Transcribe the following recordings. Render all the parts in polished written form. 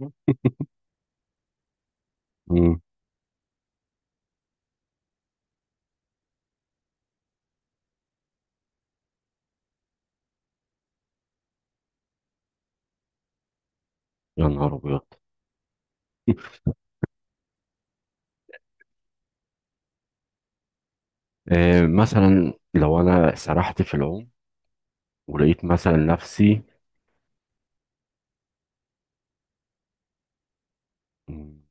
مم. يا نهار ابيض! مثلا لو انا سرحت في العوم ولقيت مثلا نفسي. مم،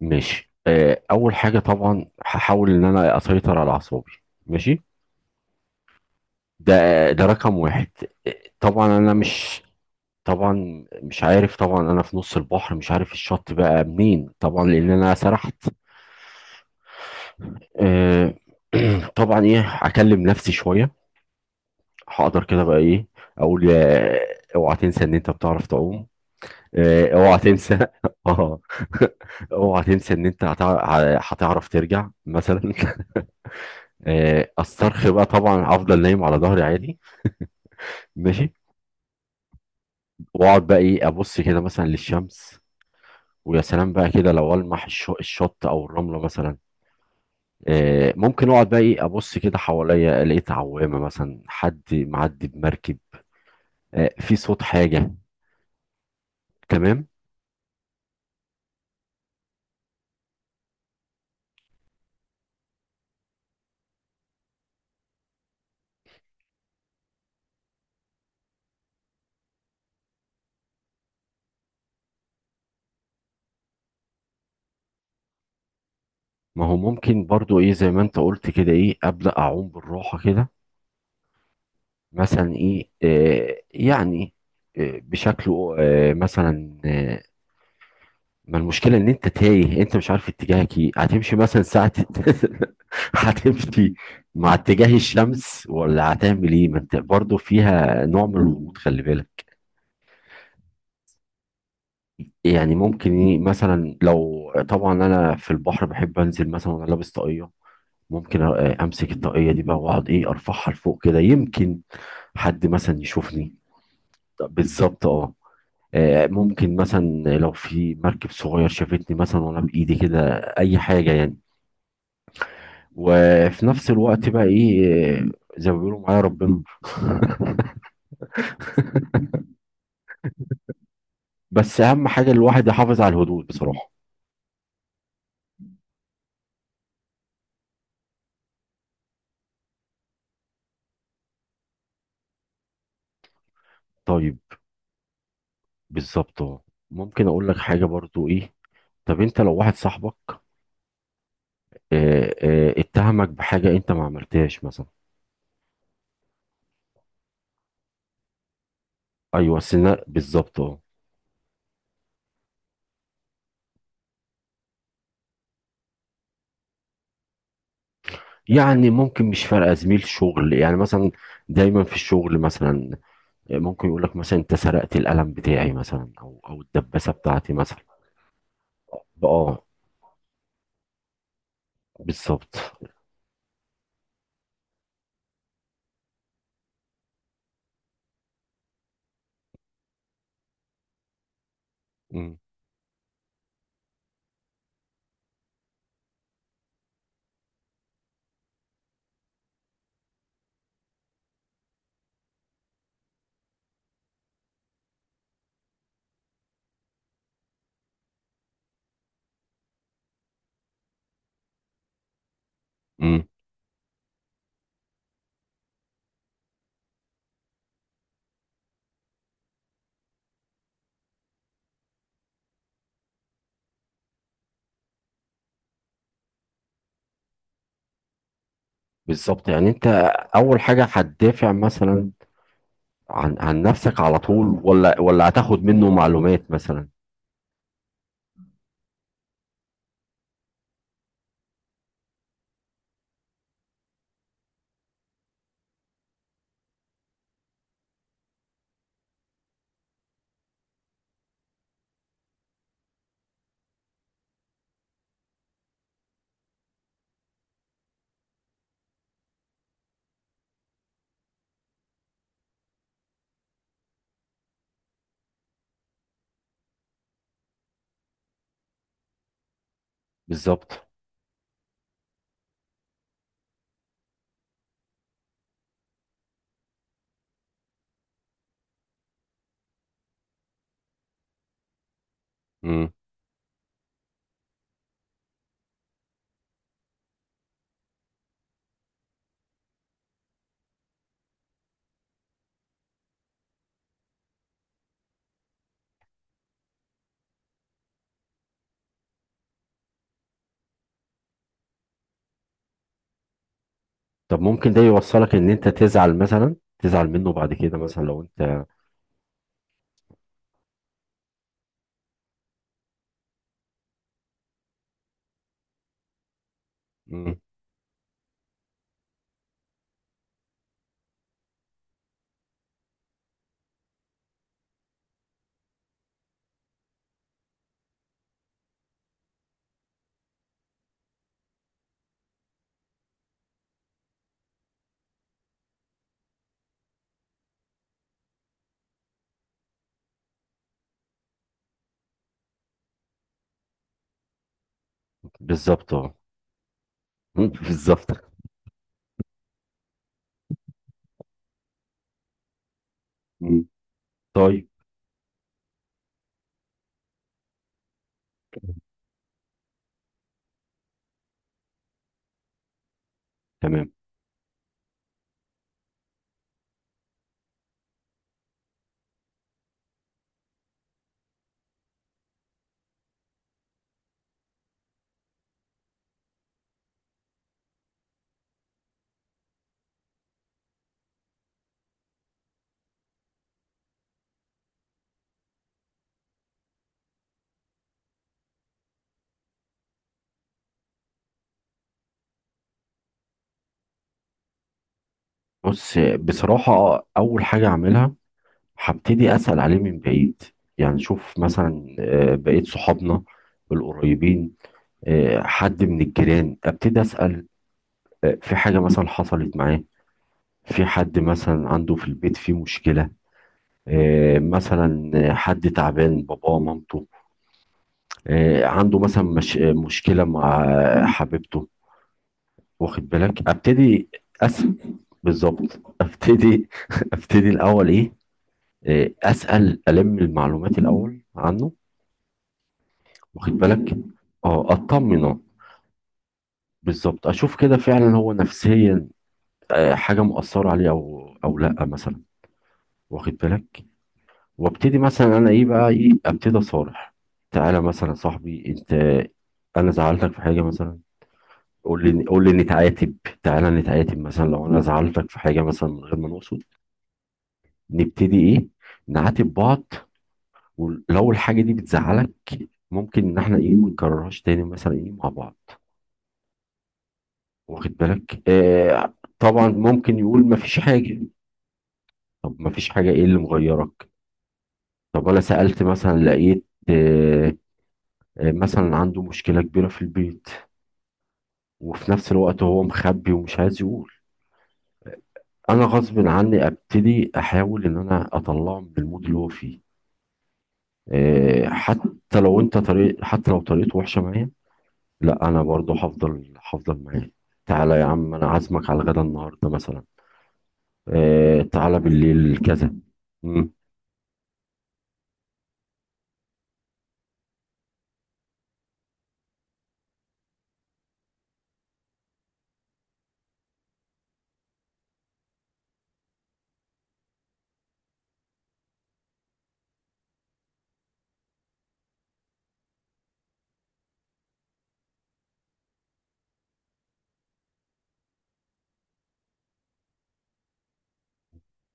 ماشي. اول حاجه طبعا هحاول ان انا اسيطر على اعصابي. ماشي. ده ده رقم واحد. آه، طبعا انا مش طبعا مش عارف. طبعا انا في نص البحر، مش عارف الشط بقى منين، طبعا لان انا سرحت. آه، طبعا ايه هكلم نفسي شويه. هقدر كده بقى ايه اقول، اوعى تنسى ان انت بتعرف تعوم. اوعى تنسى اه، اوعى تنسى ان انت هتعرف ترجع مثلا. استرخي بقى، طبعا افضل نايم على ظهري عادي. ماشي. واقعد بقى ايه ابص كده مثلا للشمس، ويا سلام بقى كده لو المح الشط او الرمله مثلا. ممكن اقعد بقى ايه ابص كده حواليا، لقيت عوامه مثلا، حد معدي بمركب، في صوت حاجه. تمام. ما هو ممكن برضو ايه، زي ما انت قلت كده، ايه ابدا اعوم بالراحه كده. مثلا ايه يعني بشكله مثلا ما المشكله ان انت تايه، انت مش عارف اتجاهك، ايه هتمشي مثلا ساعه؟ هتمشي مع اتجاه الشمس ولا هتعمل ايه؟ ما انت برضه فيها نوع من الغموض، خلي بالك. يعني ممكن ايه مثلا، لو طبعا انا في البحر بحب انزل مثلا وانا لابس طاقيه، ممكن امسك الطاقيه دي بقى واقعد ايه ارفعها لفوق كده، يمكن حد مثلا يشوفني. طب بالظبط، اه. ممكن مثلا لو في مركب صغير شافتني مثلا وانا بايدي كده، اي حاجه يعني. وفي نفس الوقت بقى ايه آه، زي ما بيقولوا، معايا ربنا. بس اهم حاجه الواحد يحافظ على الهدوء بصراحه. طيب. بالظبط أهو. ممكن اقول لك حاجه برضو ايه. طب انت لو واحد صاحبك اتهمك بحاجه انت ما عملتهاش مثلا. ايوه سنة بالظبط، اه. يعني ممكن مش فارقه، زميل شغل يعني مثلا. دايما في الشغل مثلا ممكن يقول لك مثلا انت سرقت القلم بتاعي مثلا، او الدباسه بتاعتي مثلا. اه، بالظبط. مم. مم. بالظبط. يعني انت اول حاجه هتدافع مثلا عن نفسك على طول، ولا هتاخد منه معلومات مثلا؟ بالظبط. مم. طب ممكن ده يوصلك ان انت تزعل مثلا، تزعل منه بعد كده مثلا لو انت... مم. بالظبط، اه. مم. بالظبط. مم. طيب. تمام. بص بصراحه، اول حاجه اعملها، هبتدي أسأل عليه من بعيد. يعني شوف مثلا بقيت صحابنا القريبين، حد من الجيران، أبتدي أسأل في حاجة مثلا حصلت معاه، في حد مثلا عنده في البيت فيه مشكلة، مثلا حد تعبان، باباه، مامته، عنده مثلا مش مشكلة مع حبيبته. واخد بالك؟ أبتدي أسأل. بالظبط. أبتدي أبتدي الأول إيه، أسأل ألم المعلومات الأول عنه. واخد بالك؟ اه، اطمنه. بالظبط. اشوف كده فعلا هو نفسيا حاجه مؤثره عليه او لا مثلا. واخد بالك؟ وابتدي مثلا انا ايه بقى، ايه ابتدي اصارح. تعالى مثلا يا صاحبي انت، انا زعلتك في حاجه مثلا، قول لي قول لي نتعاتب. تعالى نتعاتب مثلا، لو انا زعلتك في حاجه مثلا من غير ما نقصد، نبتدي ايه نعاتب بعض. ولو الحاجه دي بتزعلك، ممكن ان احنا ايه ما نكررهاش تاني مثلا ايه مع بعض. واخد بالك؟ طبعا ممكن يقول ما فيش حاجة. طب ما فيش حاجة، ايه اللي مغيرك؟ طب انا سألت مثلا، لقيت مثلا عنده مشكلة كبيرة في البيت، وفي نفس الوقت هو مخبي ومش عايز يقول. انا غصب عني ابتدي احاول ان انا اطلعه من المود اللي هو فيه. حتى لو انت طريق، حتى لو طريقته وحشة معايا، لا انا برضه هفضل معاه. تعالى يا عم، انا عازمك على الغدا النهارده مثلا، تعالى بالليل كذا. مم.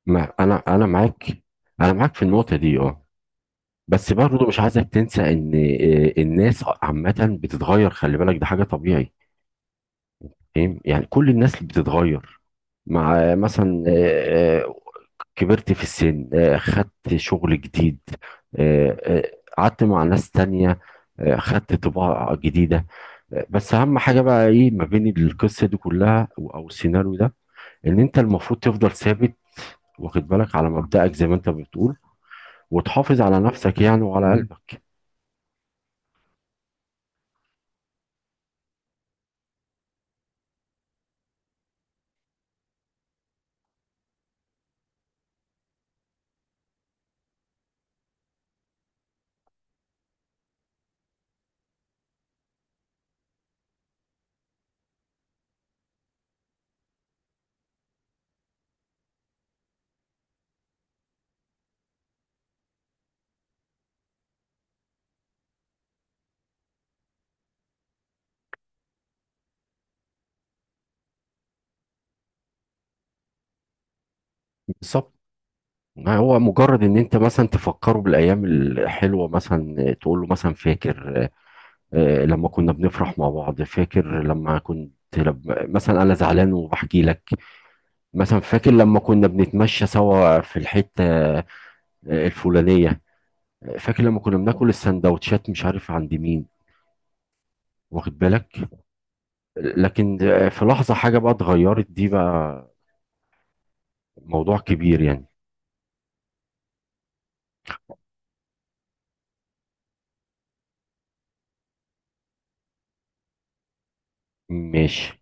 ما انا معاك، انا معاك في النقطه دي، اه. بس برضه مش عايزك تنسى ان الناس عامه بتتغير، خلي بالك، ده حاجه طبيعي. فاهم؟ يعني كل الناس بتتغير، مع مثلا كبرت في السن، خدت شغل جديد، آه، آه، قعدت مع ناس تانية، خدت طباع جديدة. بس أهم حاجة بقى إيه، ما بين القصة دي كلها أو السيناريو ده، إن أنت المفروض تفضل ثابت، واخد بالك، على مبدأك زي ما أنت بتقول، وتحافظ على نفسك يعني، وعلى قلبك. بالظبط. ما هو مجرد ان انت مثلا تفكره بالايام الحلوه، مثلا تقول له مثلا فاكر لما كنا بنفرح مع بعض، فاكر لما كنت، لما مثلا انا زعلان وبحكي لك، مثلا فاكر لما كنا بنتمشى سوا في الحته آه، الفلانيه، فاكر لما كنا بناكل السندوتشات مش عارف عند مين. واخد بالك؟ لكن في لحظه حاجه بقى اتغيرت، دي بقى موضوع كبير يعني. ماشي.